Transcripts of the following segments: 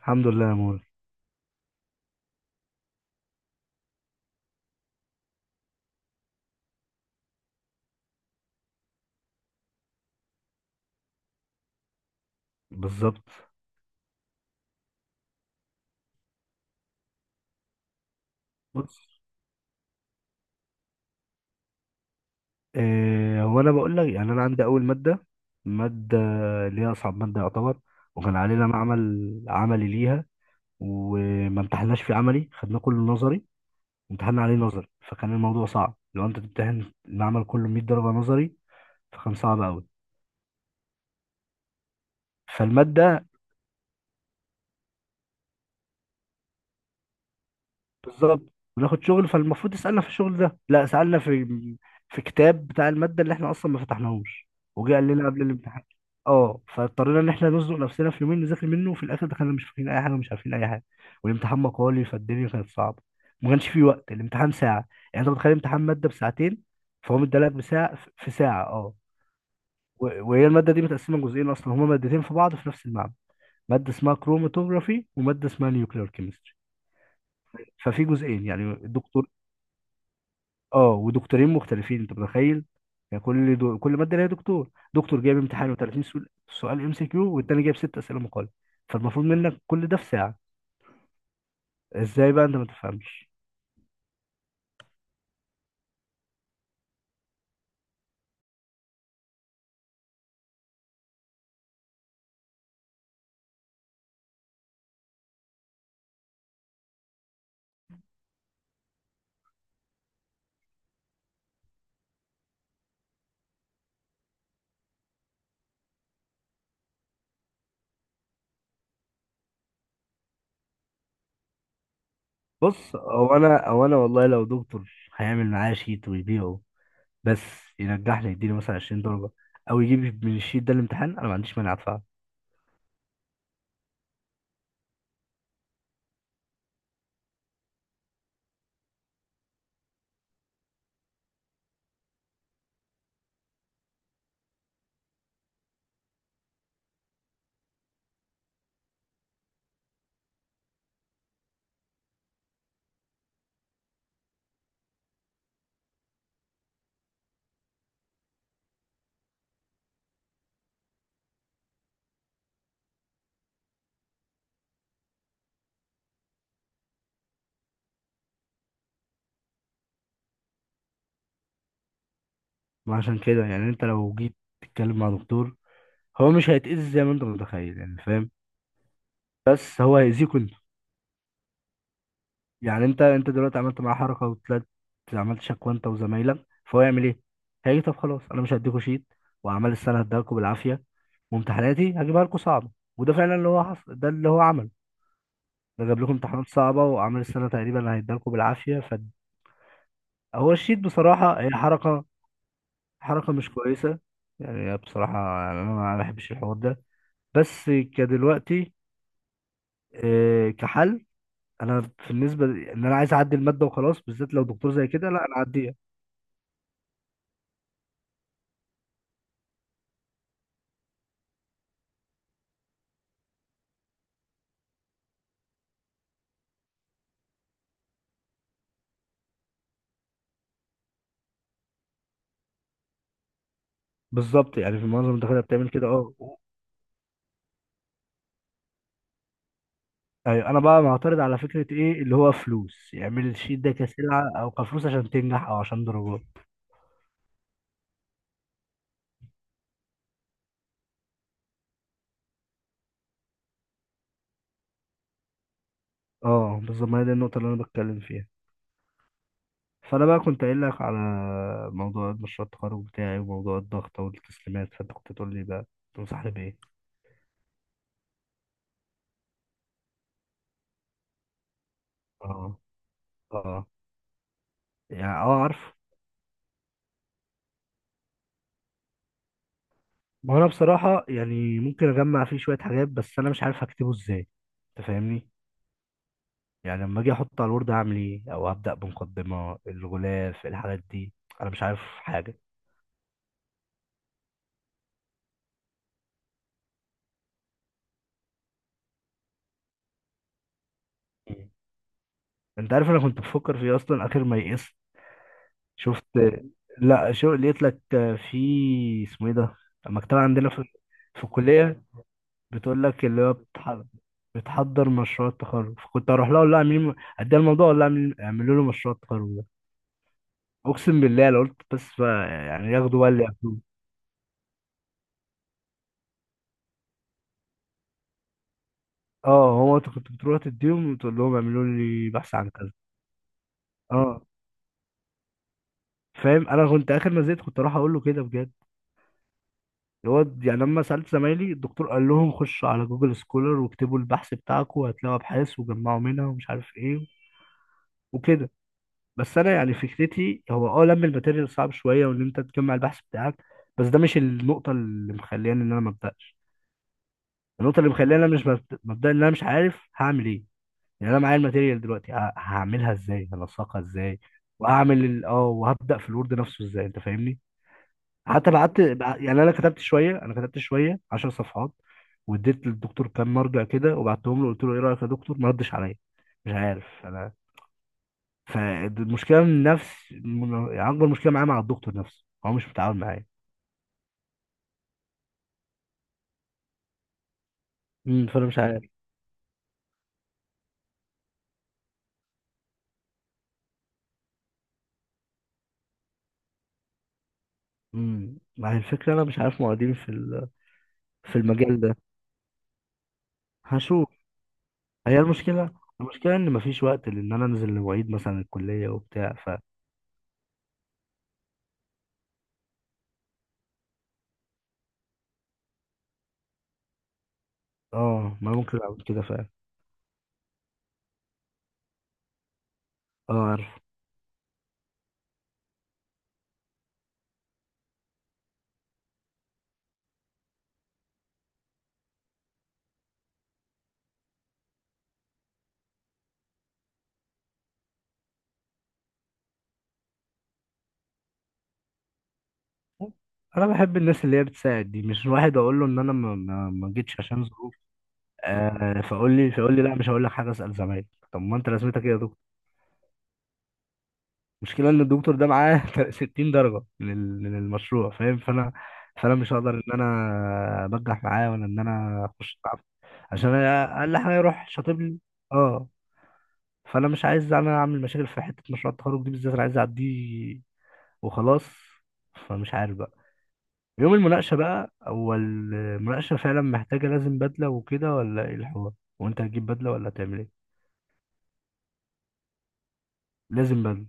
الحمد لله يا مول. بالظبط. بص. إيه هو انا بقول لك، يعني انا عندي اول ماده، ماده اللي هي اصعب ماده يعتبر. وكان علينا معمل عملي ليها، وما امتحناش فيه عملي، خدنا كله نظري. امتحنا عليه نظري، فكان الموضوع صعب. لو انت تمتحن المعمل كله 100 درجه نظري فكان صعب قوي. فالماده بالظبط بناخد شغل، فالمفروض يسألنا في الشغل ده، لا سألنا في كتاب بتاع المادة اللي احنا أصلا ما فتحناهوش. وجه قال لنا قبل الامتحان. اه فاضطرينا ان احنا نزنق نفسنا في يومين نذاكر منه، وفي الاخر دخلنا مش فاهمين اي حاجه ومش عارفين اي حاجه. والامتحان مقالي، فالدنيا كانت صعبه. ما كانش فيه وقت، الامتحان ساعه. يعني انت متخيل امتحان ماده بساعتين فهو مديلك بساعه في ساعه؟ اه. وهي الماده دي متقسمه جزئين، اصلا هما مادتين في بعض في نفس المعمل. ماده اسمها كروماتوجرافي وماده اسمها نيوكلير كيمستري، ففي جزئين يعني. الدكتور، اه ودكتورين مختلفين، انت متخيل؟ يعني كل ماده ليها دكتور. دكتور جايب امتحان و30 سؤال، سؤال ام سي كيو، والتاني جايب ست اسئله مقاله، فالمفروض منك كل ده في ساعه. ازاي بقى انت ما تفهمش؟ بص، او انا والله لو دكتور هيعمل معايا شيت ويبيعه، بس ينجحني، يديني مثلا 20 درجه، او يجيب من الشيت ده الامتحان، انا ما عنديش مانع ادفع. ما عشان كده، يعني انت لو جيت تتكلم مع دكتور هو مش هيتأذي زي ما انت متخيل، يعني فاهم، بس هو هيأذيك انت. يعني انت دلوقتي عملت معاه حركه وطلعت، عملت شكوى انت وزمايلك، فهو يعمل ايه؟ هيجي طب خلاص انا مش هديكوا شيت، واعمال السنه هديها لكم بالعافيه، وامتحاناتي هجيبها لكم صعبه. وده فعلا اللي هو حصل، ده اللي هو عمل. ده جاب لكم امتحانات صعبه، واعمال السنه تقريبا هيديها لكم بالعافيه. فهو الشيت بصراحه هي حركه، حركه مش كويسه. يعني هي بصراحه، يعني انا ما بحبش الحوار ده، بس كدلوقتي، اه، كحل، انا بالنسبه ان انا عايز اعدي الماده وخلاص، بالذات لو دكتور زي كده لا، انا اعديها. بالظبط، يعني في المنظمه المتحده بتعمل كده، اه. ايوه، انا بقى معترض على فكره ايه اللي هو فلوس يعمل الشيت ده كسلعه او كفلوس عشان تنجح او عشان درجات. اه بالظبط، ما هي دي النقطه اللي انا بتكلم فيها. فانا بقى كنت قايل لك على موضوع مشروع التخرج بتاعي، وموضوع الضغط والتسليمات، فانت كنت تقول لي بقى تنصحني بايه؟ اه. اه. يعني اه عارف. ما هو انا بصراحه يعني ممكن اجمع فيه شويه حاجات، بس انا مش عارف هكتبه ازاي، انت فاهمني؟ يعني لما اجي احط على الوورد اعمل ايه، او ابدا بمقدمه الغلاف الحاجات دي، انا مش عارف حاجه. مم. انت عارف انا كنت بفكر في ايه اصلا اخر ما يئست؟ شفت، لا شو لقيت لك، في اسمه ايه ده، المكتبه عندنا في الكليه، بتقول لك اللي هو بتحضر مشروع التخرج، فكنت اروح لها اقول لها اعملي، اديها الموضوع اقول لها اعملوا له مشروع التخرج ده. اقسم بالله لو قلت، بس بقى يعني ياخدوا بقى اللي ياخدوه. اه، هو انت كنت بتروح تديهم وتقول لهم اعملوا لي بحث عن كذا. اه فاهم، انا كنت اخر ما زهقت كنت اروح اقول له كده بجد. اللي هو يعني لما سالت زمايلي الدكتور قال لهم خشوا على جوجل سكولر واكتبوا البحث بتاعكم هتلاقوا ابحاث، وجمعوا منها ومش عارف ايه وكده. بس انا يعني فكرتي هو اه لم الماتيريال صعب شويه، وان انت تجمع البحث بتاعك. بس ده مش النقطه اللي مخلياني ان انا ما ابداش. النقطه اللي مخلياني انا مش مبدا، مبدأ ان انا مش عارف هعمل ايه. يعني انا معايا الماتيريال دلوقتي، هعملها ازاي، هلصقها ازاي، واعمل وهبدا في الوورد نفسه ازاي؟ انت فاهمني؟ حتى بعت يعني انا كتبت شويه، 10 صفحات واديت للدكتور كام مرجع كده وبعتهم له، قلت له ايه رايك يا دكتور، ما ردش عليا، مش عارف انا. فالمشكله من نفس يعني اكبر مشكله معايا مع الدكتور نفسه هو مش متعاون معايا. فانا مش عارف. ما هي الفكره، انا مش عارف معيدين في في المجال ده. هشوف. هي المشكله، المشكله ان مفيش وقت، لان انا انزل لمعيد مثلا الكليه وبتاع، ف اه ما ممكن اعمل كده فعلا. اه، انا بحب الناس اللي هي بتساعد دي، مش واحد اقول له ان انا ما جيتش عشان ظروف. فاقول لي لا مش هقول لك حاجه، اسال زمايلك. طب ما انت رسمتك ايه يا دكتور؟ المشكله ان الدكتور ده معاه 60 درجه من من المشروع، فاهم؟ فانا مش هقدر ان انا بجح معاه ولا ان انا اخش معاه، عشان أنا اقل حاجه يروح شاطب لي. اه. فانا مش عايز اعمل مشاكل في حته مشروع التخرج دي بالذات، انا عايز اعديه وخلاص. فمش عارف بقى. يوم المناقشة بقى، هو المناقشة فعلا محتاجة لازم بدلة وكده ولا ايه الحوار؟ وانت هتجيب بدلة ولا هتعمل ايه؟ لازم بدلة.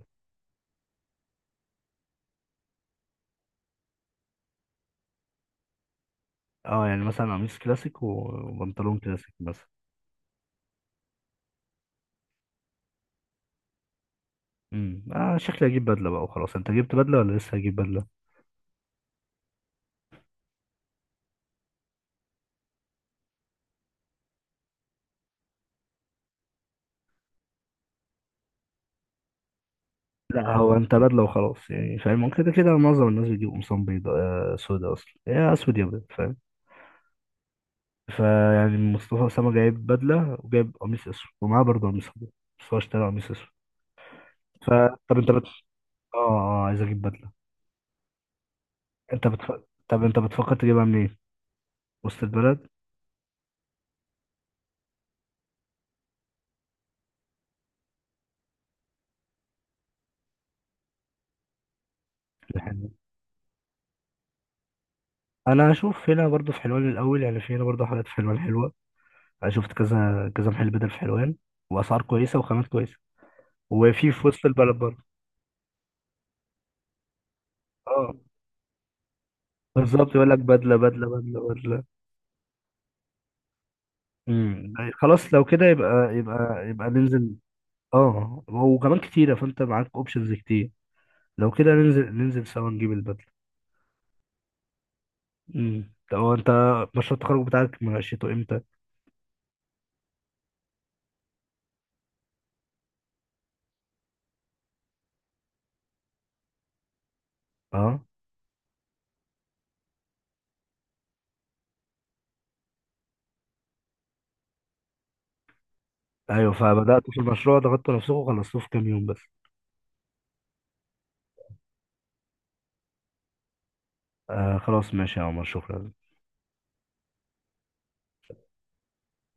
اه، يعني مثلا قميص كلاسيك وبنطلون كلاسيك مثلا. اه شكلي هجيب بدلة بقى وخلاص. انت جبت بدلة ولا لسه هجيب بدلة؟ لا، هو انت بدلة وخلاص، يعني فاهم، كده كده معظم الناس بتجيب قمصان بيضاء، سودا، اصلا يا اسود يا ابيض، فاهم. فيعني مصطفى اسامة جايب بدلة وجايب قميص اسود ومعاه برضه قميص ابيض، بس هو اشترى قميص اسود. فطب انت بت... اه اه عايز اجيب بدلة. انت بتف... طب انت بتفكر تجيبها منين، وسط البلد؟ الحلو، انا هشوف هنا برضو في حلوان الاول، يعني في هنا برضو حاجات في حلوان حلوه. انا شفت كذا كذا محل بدل في حلوان، واسعار كويسه وخامات كويسه. وفي وسط البلد برضو، اه. بالظبط، يقول لك بدله بدله بدله بدله. خلاص لو كده يبقى ننزل. اه وكمان كتيره، فانت معاك اوبشنز كتير. لو كده ننزل، سوا نجيب البدله. طب هو انت مشروع التخرج بتاعك مناقشته امتى؟ اه. ايوه، فبدات في المشروع ضغطت نفسكم وخلصتوه في كام يوم بس. آه خلاص، ماشي يا عمر، شكرا.